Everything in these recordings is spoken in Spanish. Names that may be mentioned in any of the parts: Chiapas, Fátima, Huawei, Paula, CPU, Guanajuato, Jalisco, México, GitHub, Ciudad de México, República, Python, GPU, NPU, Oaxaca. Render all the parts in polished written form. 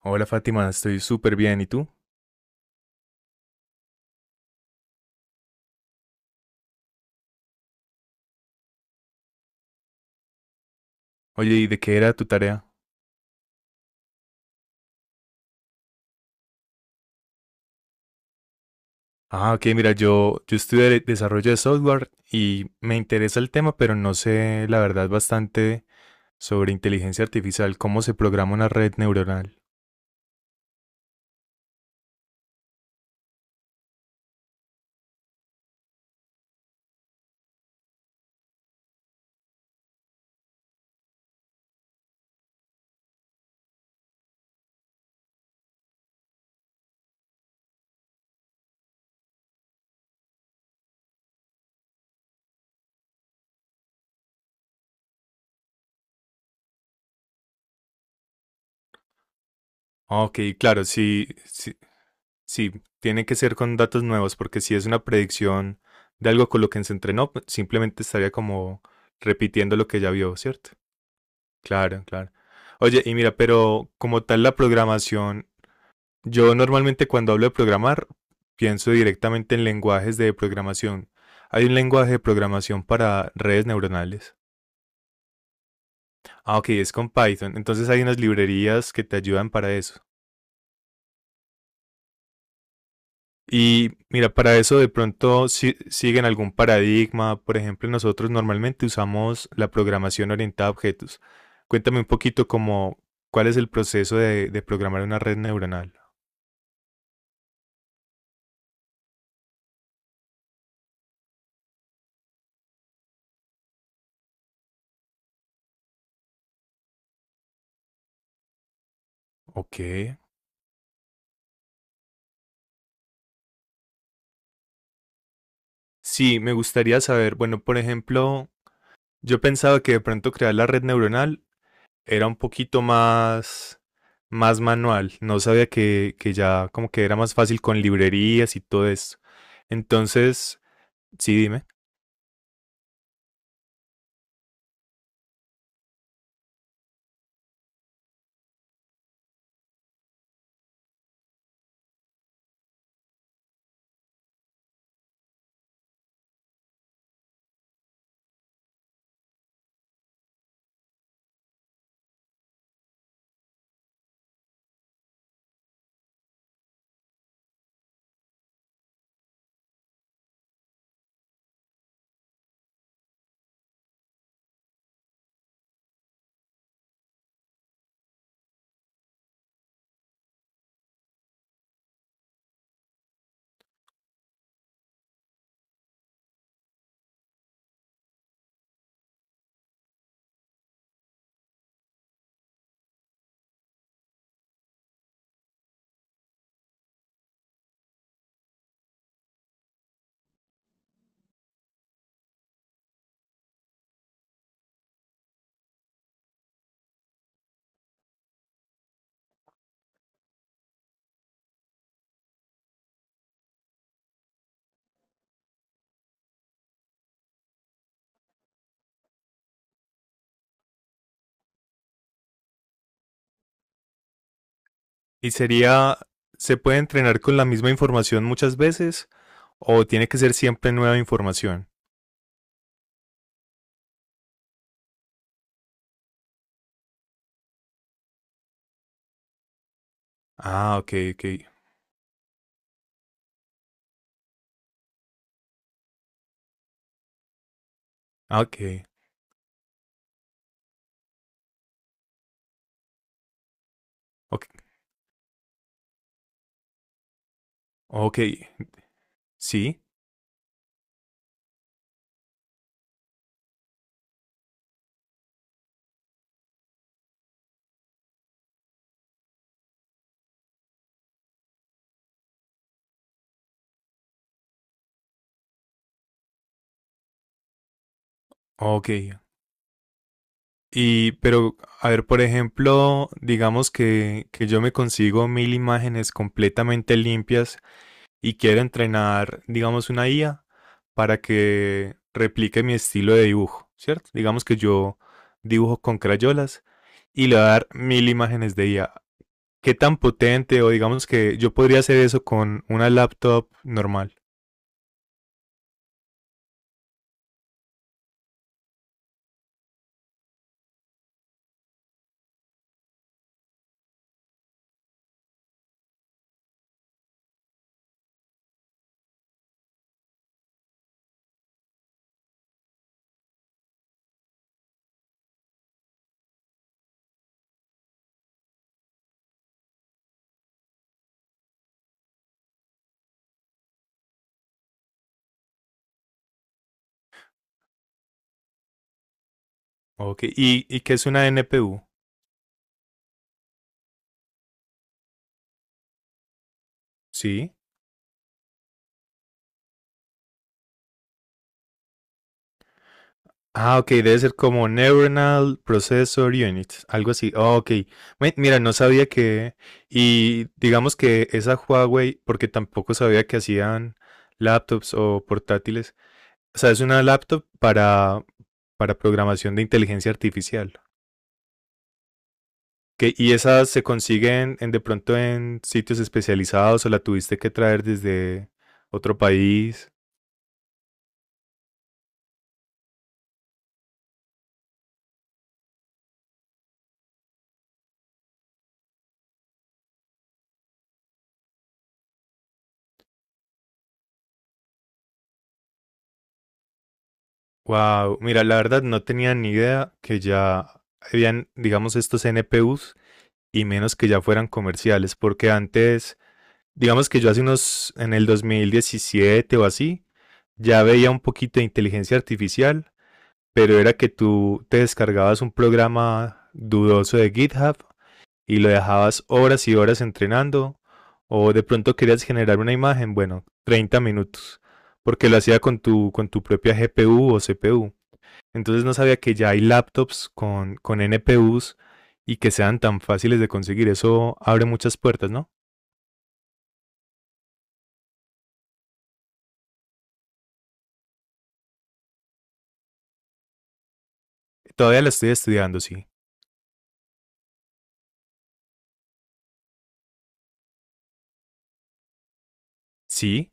Hola Fátima, estoy súper bien. ¿Y tú? Oye, ¿y de qué era tu tarea? Ah, ok, mira, yo estudié desarrollo de software y me interesa el tema, pero no sé, la verdad, bastante sobre inteligencia artificial, cómo se programa una red neuronal. Ah, Ok, claro, sí, sí, sí, tiene que ser con datos nuevos, porque si es una predicción de algo con lo que se entrenó, pues, simplemente estaría como repitiendo lo que ya vio, ¿cierto? Claro, claro. Oye, y mira, pero como tal la programación, yo normalmente cuando hablo de programar pienso directamente en lenguajes de programación. ¿Hay un lenguaje de programación para redes neuronales? Ah, ok, es con Python. Entonces hay unas librerías que te ayudan para eso. Y mira, para eso de pronto siguen algún paradigma. Por ejemplo, nosotros normalmente usamos la programación orientada a objetos. Cuéntame un poquito como cuál es el proceso de programar una red neuronal. Ok. Sí, me gustaría saber, bueno, por ejemplo, yo pensaba que de pronto crear la red neuronal era un poquito más, más manual. No sabía que ya como que era más fácil con librerías y todo eso. Entonces, sí, dime. ¿Y sería, se puede entrenar con la misma información muchas veces o tiene que ser siempre nueva información? Ah, ok, ok. Ah, Ok, ok, ok. Sí, ok. Y, pero, a ver, por ejemplo, digamos que yo me consigo 1.000 imágenes completamente limpias y quiero entrenar, digamos, una IA para que replique mi estilo de dibujo, ¿cierto? Digamos que yo dibujo con crayolas y le voy a dar 1.000 imágenes de IA. ¿Qué tan potente? O digamos que yo podría hacer eso con una laptop normal. Ok, ¿y qué es una NPU? Sí. Ah, ok, debe ser como Neuronal Processor Unit, algo así. Ah, ok, mira, no sabía que... Y digamos que esa Huawei, porque tampoco sabía que hacían laptops o portátiles. O sea, es una laptop para programación de inteligencia artificial. Que, y esas se consiguen en, de pronto en sitios especializados o la tuviste que traer desde otro país. Wow, mira, la verdad no tenía ni idea que ya habían, digamos, estos NPUs y menos que ya fueran comerciales, porque antes, digamos que yo hace unos, en el 2017 o así, ya veía un poquito de inteligencia artificial, pero era que tú te descargabas un programa dudoso de GitHub y lo dejabas horas y horas entrenando, o de pronto querías generar una imagen, bueno, 30 minutos, porque lo hacía con tu propia GPU o CPU. Entonces no sabía que ya hay laptops con NPUs y que sean tan fáciles de conseguir. Eso abre muchas puertas, ¿no? Todavía la estoy estudiando, sí. Sí,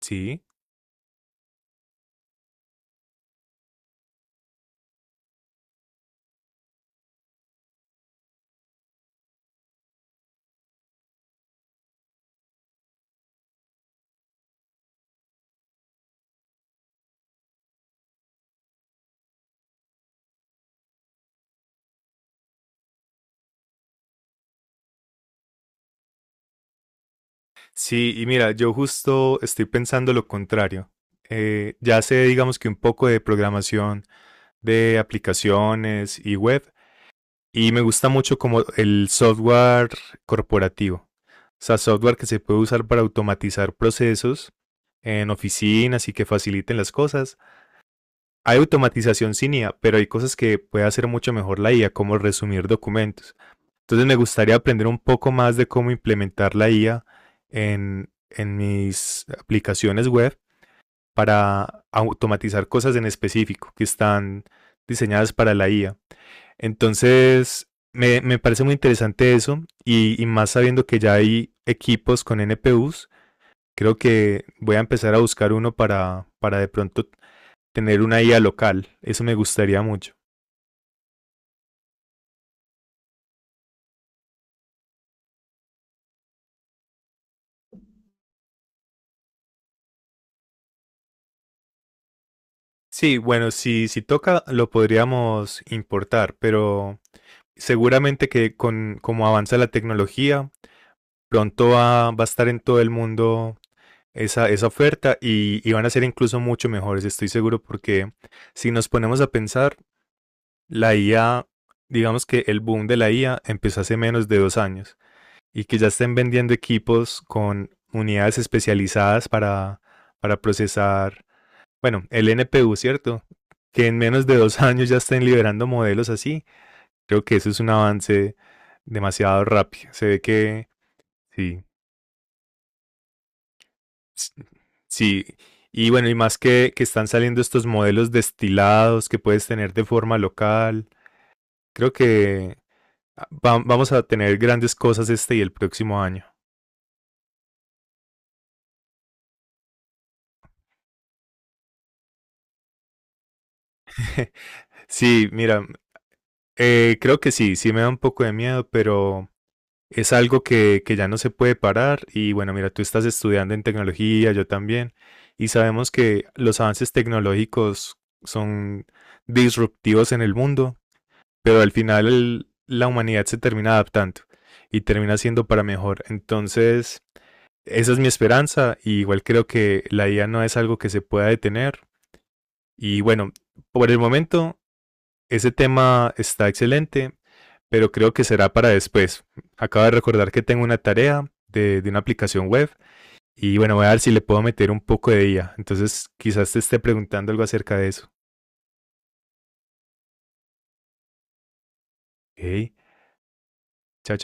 sí. Sí, y mira, yo justo estoy pensando lo contrario. Ya sé, digamos que un poco de programación de aplicaciones y web, y me gusta mucho como el software corporativo. O sea, software que se puede usar para automatizar procesos en oficinas y que faciliten las cosas. Hay automatización sin IA, pero hay cosas que puede hacer mucho mejor la IA, como resumir documentos. Entonces me gustaría aprender un poco más de cómo implementar la IA en mis aplicaciones web para automatizar cosas en específico que están diseñadas para la IA. Entonces, me parece muy interesante eso y más sabiendo que ya hay equipos con NPUs, creo que voy a empezar a buscar uno para de pronto tener una IA local. Eso me gustaría mucho. Sí, bueno, si toca lo podríamos importar, pero seguramente que con como avanza la tecnología, pronto va a estar en todo el mundo esa oferta y van a ser incluso mucho mejores, estoy seguro, porque si nos ponemos a pensar, la IA, digamos que el boom de la IA empezó hace menos de 2 años y que ya estén vendiendo equipos con unidades especializadas para procesar bueno, el NPU, ¿cierto? Que en menos de 2 años ya estén liberando modelos así. Creo que eso es un avance demasiado rápido. Se ve que sí, sí. Y bueno, y más que están saliendo estos modelos destilados que puedes tener de forma local. Creo que vamos a tener grandes cosas este y el próximo año. Sí, mira, creo que sí, sí me da un poco de miedo, pero es algo que ya no se puede parar y bueno, mira, tú estás estudiando en tecnología, yo también, y sabemos que los avances tecnológicos son disruptivos en el mundo, pero al final la humanidad se termina adaptando y termina siendo para mejor. Entonces, esa es mi esperanza y igual creo que la IA no es algo que se pueda detener y bueno, por el momento ese tema está excelente, pero creo que será para después. Acabo de recordar que tengo una tarea de una aplicación web y bueno, voy a ver si le puedo meter un poco de IA. Entonces, quizás te esté preguntando algo acerca de eso. Ok, chao, chao.